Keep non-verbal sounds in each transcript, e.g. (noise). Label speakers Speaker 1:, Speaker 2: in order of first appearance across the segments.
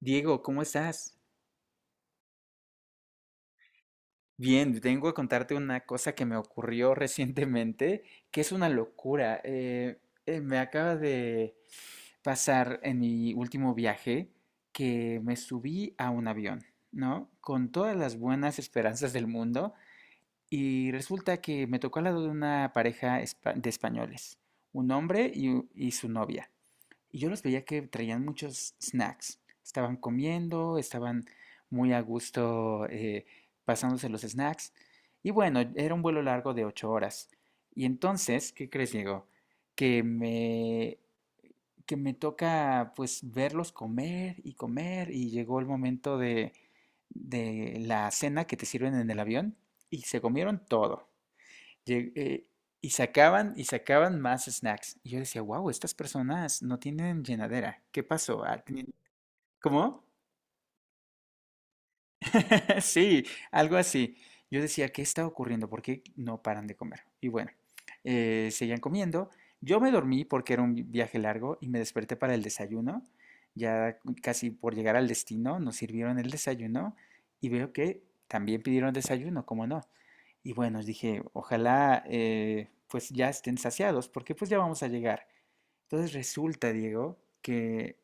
Speaker 1: Diego, ¿cómo estás? Bien, tengo a contarte una cosa que me ocurrió (laughs) recientemente, que es una locura. Me acaba de pasar en mi último viaje que me subí a un avión, ¿no? Con todas las buenas esperanzas del mundo y resulta que me tocó al lado de una pareja de españoles, un hombre y su novia. Y yo los veía que traían muchos snacks. Estaban comiendo, estaban muy a gusto pasándose los snacks. Y bueno, era un vuelo largo de 8 horas. Y entonces, ¿qué crees, Diego? Que me, que me toca pues verlos comer y comer y llegó el momento de la cena que te sirven en el avión y se comieron todo. Lle- eh, y sacaban más snacks. Y yo decía, wow, estas personas no tienen llenadera. ¿Qué pasó? ¿Cómo? (laughs) Sí, algo así. Yo decía, ¿qué está ocurriendo? ¿Por qué no paran de comer? Y bueno, seguían comiendo. Yo me dormí porque era un viaje largo y me desperté para el desayuno. Ya casi por llegar al destino nos sirvieron el desayuno y veo que también pidieron desayuno, ¿cómo no? Y bueno, dije, ojalá pues ya estén saciados porque pues ya vamos a llegar. Entonces resulta, Diego, que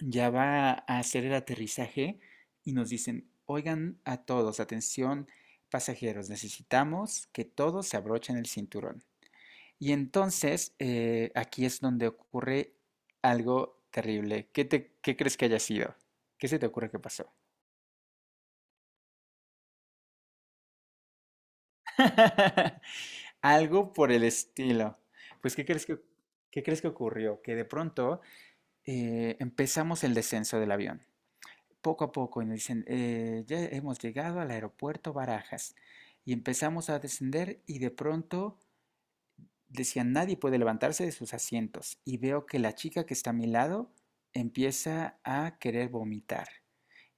Speaker 1: ya va a hacer el aterrizaje y nos dicen, oigan a todos, atención pasajeros, necesitamos que todos se abrochen el cinturón. Y entonces aquí es donde ocurre algo terrible. ¿Qué crees que haya sido? ¿Qué se te ocurre que pasó? (laughs) Algo por el estilo. Pues, ¿qué crees que, ¿qué crees que ocurrió? Que de pronto empezamos el descenso del avión, poco a poco y nos dicen, ya hemos llegado al aeropuerto Barajas y empezamos a descender y de pronto decían, nadie puede levantarse de sus asientos y veo que la chica que está a mi lado empieza a querer vomitar.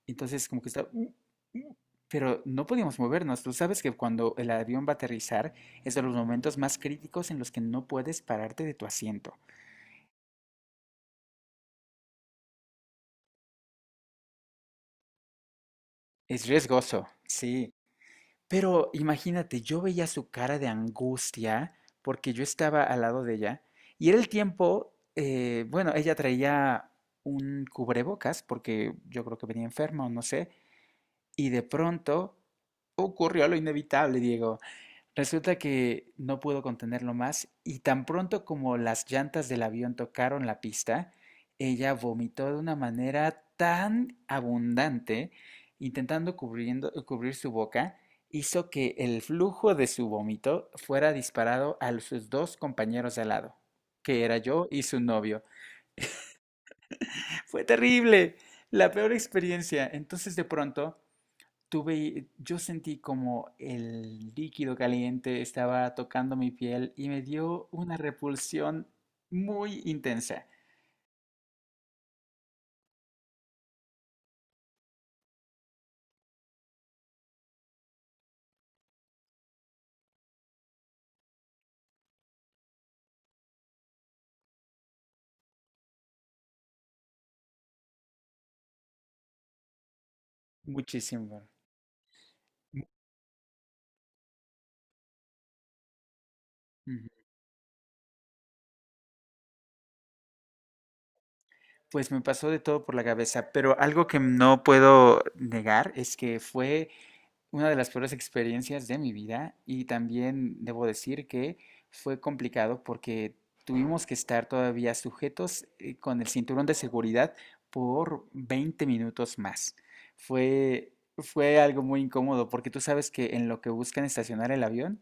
Speaker 1: Entonces como que está... mm", pero no podíamos movernos. Tú sabes que cuando el avión va a aterrizar es de los momentos más críticos en los que no puedes pararte de tu asiento. Es riesgoso, sí. Pero imagínate, yo veía su cara de angustia porque yo estaba al lado de ella y era el tiempo, bueno, ella traía un cubrebocas porque yo creo que venía enferma o no sé, y de pronto ocurrió lo inevitable, Diego. Resulta que no pudo contenerlo más y tan pronto como las llantas del avión tocaron la pista, ella vomitó de una manera tan abundante, intentando cubrir su boca, hizo que el flujo de su vómito fuera disparado a sus dos compañeros de al lado, que era yo y su novio. Fue terrible, la peor experiencia. Entonces de pronto yo sentí como el líquido caliente estaba tocando mi piel y me dio una repulsión muy intensa, muchísimo. Ujú. Pues me pasó de todo por la cabeza, pero algo que no puedo negar es que fue una de las peores experiencias de mi vida y también debo decir que fue complicado porque tuvimos que estar todavía sujetos con el cinturón de seguridad por 20 minutos más. Fue algo muy incómodo porque tú sabes que en lo que buscan estacionar el avión,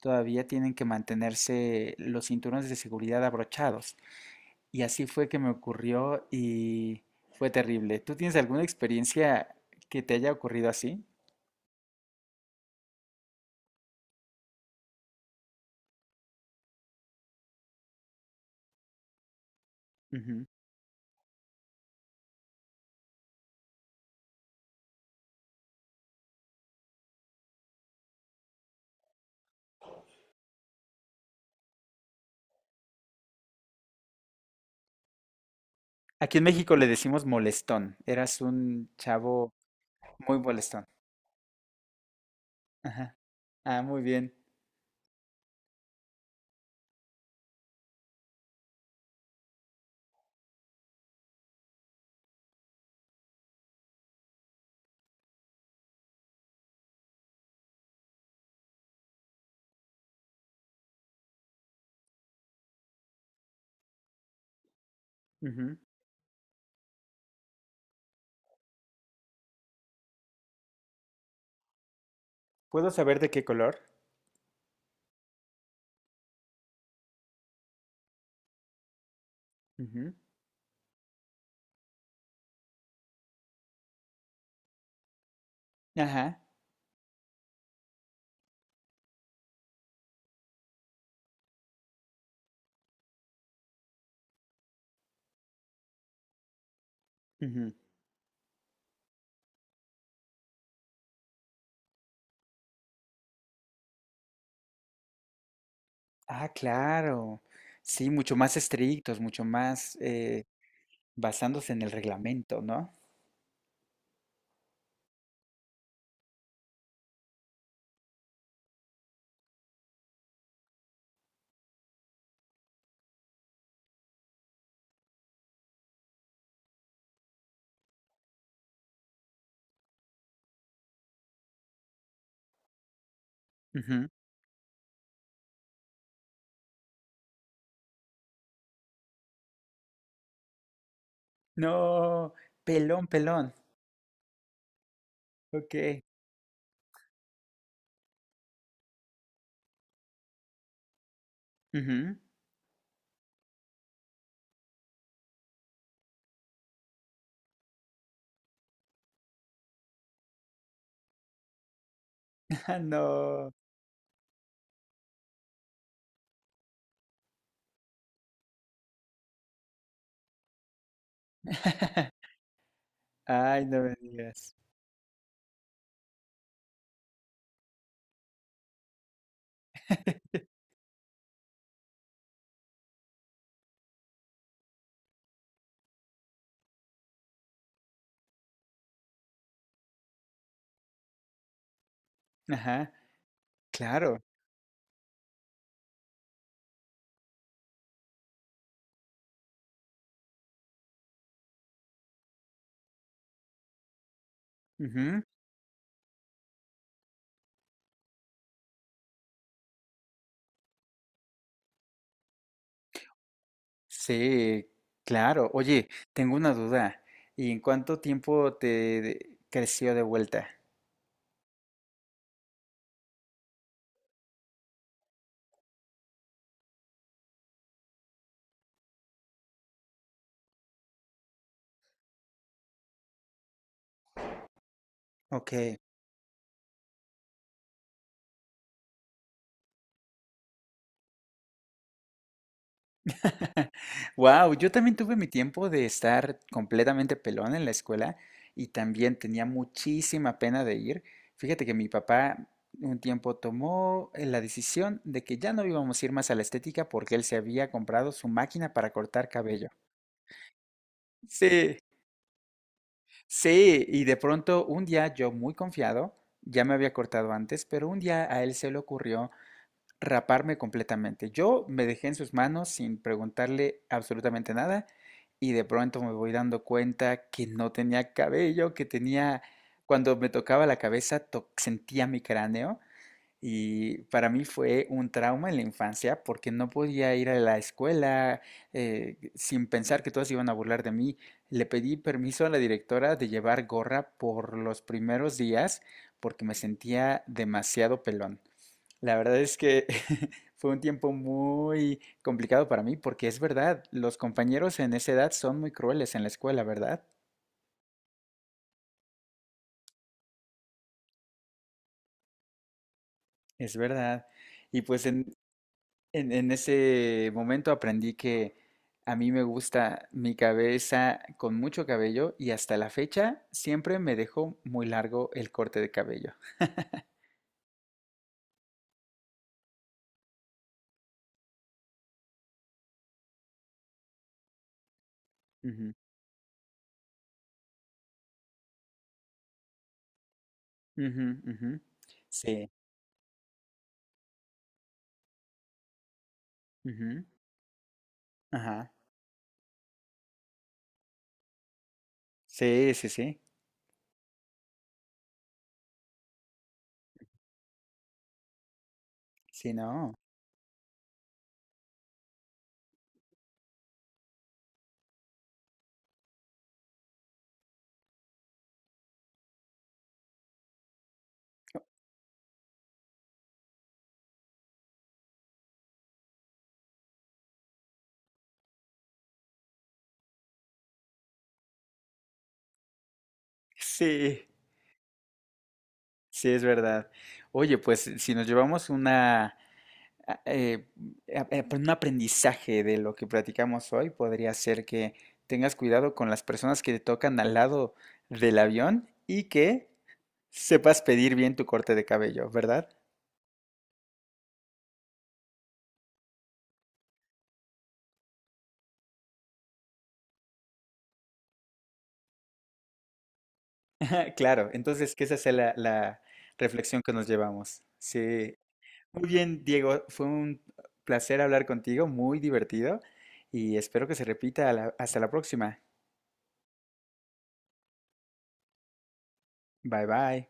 Speaker 1: todavía tienen que mantenerse los cinturones de seguridad abrochados. Y así fue que me ocurrió y fue terrible. ¿Tú tienes alguna experiencia que te haya ocurrido así? Ujú. Aquí en México le decimos molestón. Eras un chavo muy molestón. Ajá. Ah, muy bien. Ujú. ¿Puedo saber de qué color? Ujú. Ajá. Ujú. Ah, claro. Sí, mucho más estrictos, mucho más basándose en el reglamento, ¿no? Ujú. No, pelón, pelón. Ok. Ujú. Ah, no. (laughs) Ay, no me digas. (laughs) Ajá, claro. Ujú. Sí, claro. Oye, tengo una duda. ¿Y en cuánto tiempo creció de vuelta? Ok. (laughs) Wow, yo también tuve mi tiempo de estar completamente pelón en la escuela y también tenía muchísima pena de ir. Fíjate que mi papá un tiempo tomó la decisión de que ya no íbamos a ir más a la estética porque él se había comprado su máquina para cortar cabello. Sí. Sí, y de pronto un día yo muy confiado, ya me había cortado antes, pero un día a él se le ocurrió raparme completamente. Yo me dejé en sus manos sin preguntarle absolutamente nada y de pronto me voy dando cuenta que no tenía cabello, cuando me tocaba la cabeza, sentía mi cráneo y para mí fue un trauma en la infancia porque no podía ir a la escuela sin pensar que todos iban a burlar de mí. Le pedí permiso a la directora de llevar gorra por los primeros días porque me sentía demasiado pelón. La verdad es que (laughs) fue un tiempo muy complicado para mí porque es verdad, los compañeros en esa edad son muy crueles en la escuela, ¿verdad? Es verdad. Y pues en, en ese momento aprendí que a mí me gusta mi cabeza con mucho cabello y hasta la fecha siempre me dejo muy largo el corte de cabello. Ujú, ujú, ujú. Sí. Ujú. Ajá. Sí, sí, sí. Sí, no. Sí, sí, es verdad. Oye, pues si nos llevamos a- eh, pues, un aprendizaje de lo que platicamos hoy podría ser que tengas cuidado con las personas que te tocan al lado del avión y que sepas pedir bien tu corte de cabello, ¿verdad? (laughs) Claro, entonces que esa sea la reflexión que nos llevamos. Sí, muy bien, Diego, fue un placer hablar contigo, muy divertido y espero que se repita. Hasta la próxima. Bye bye.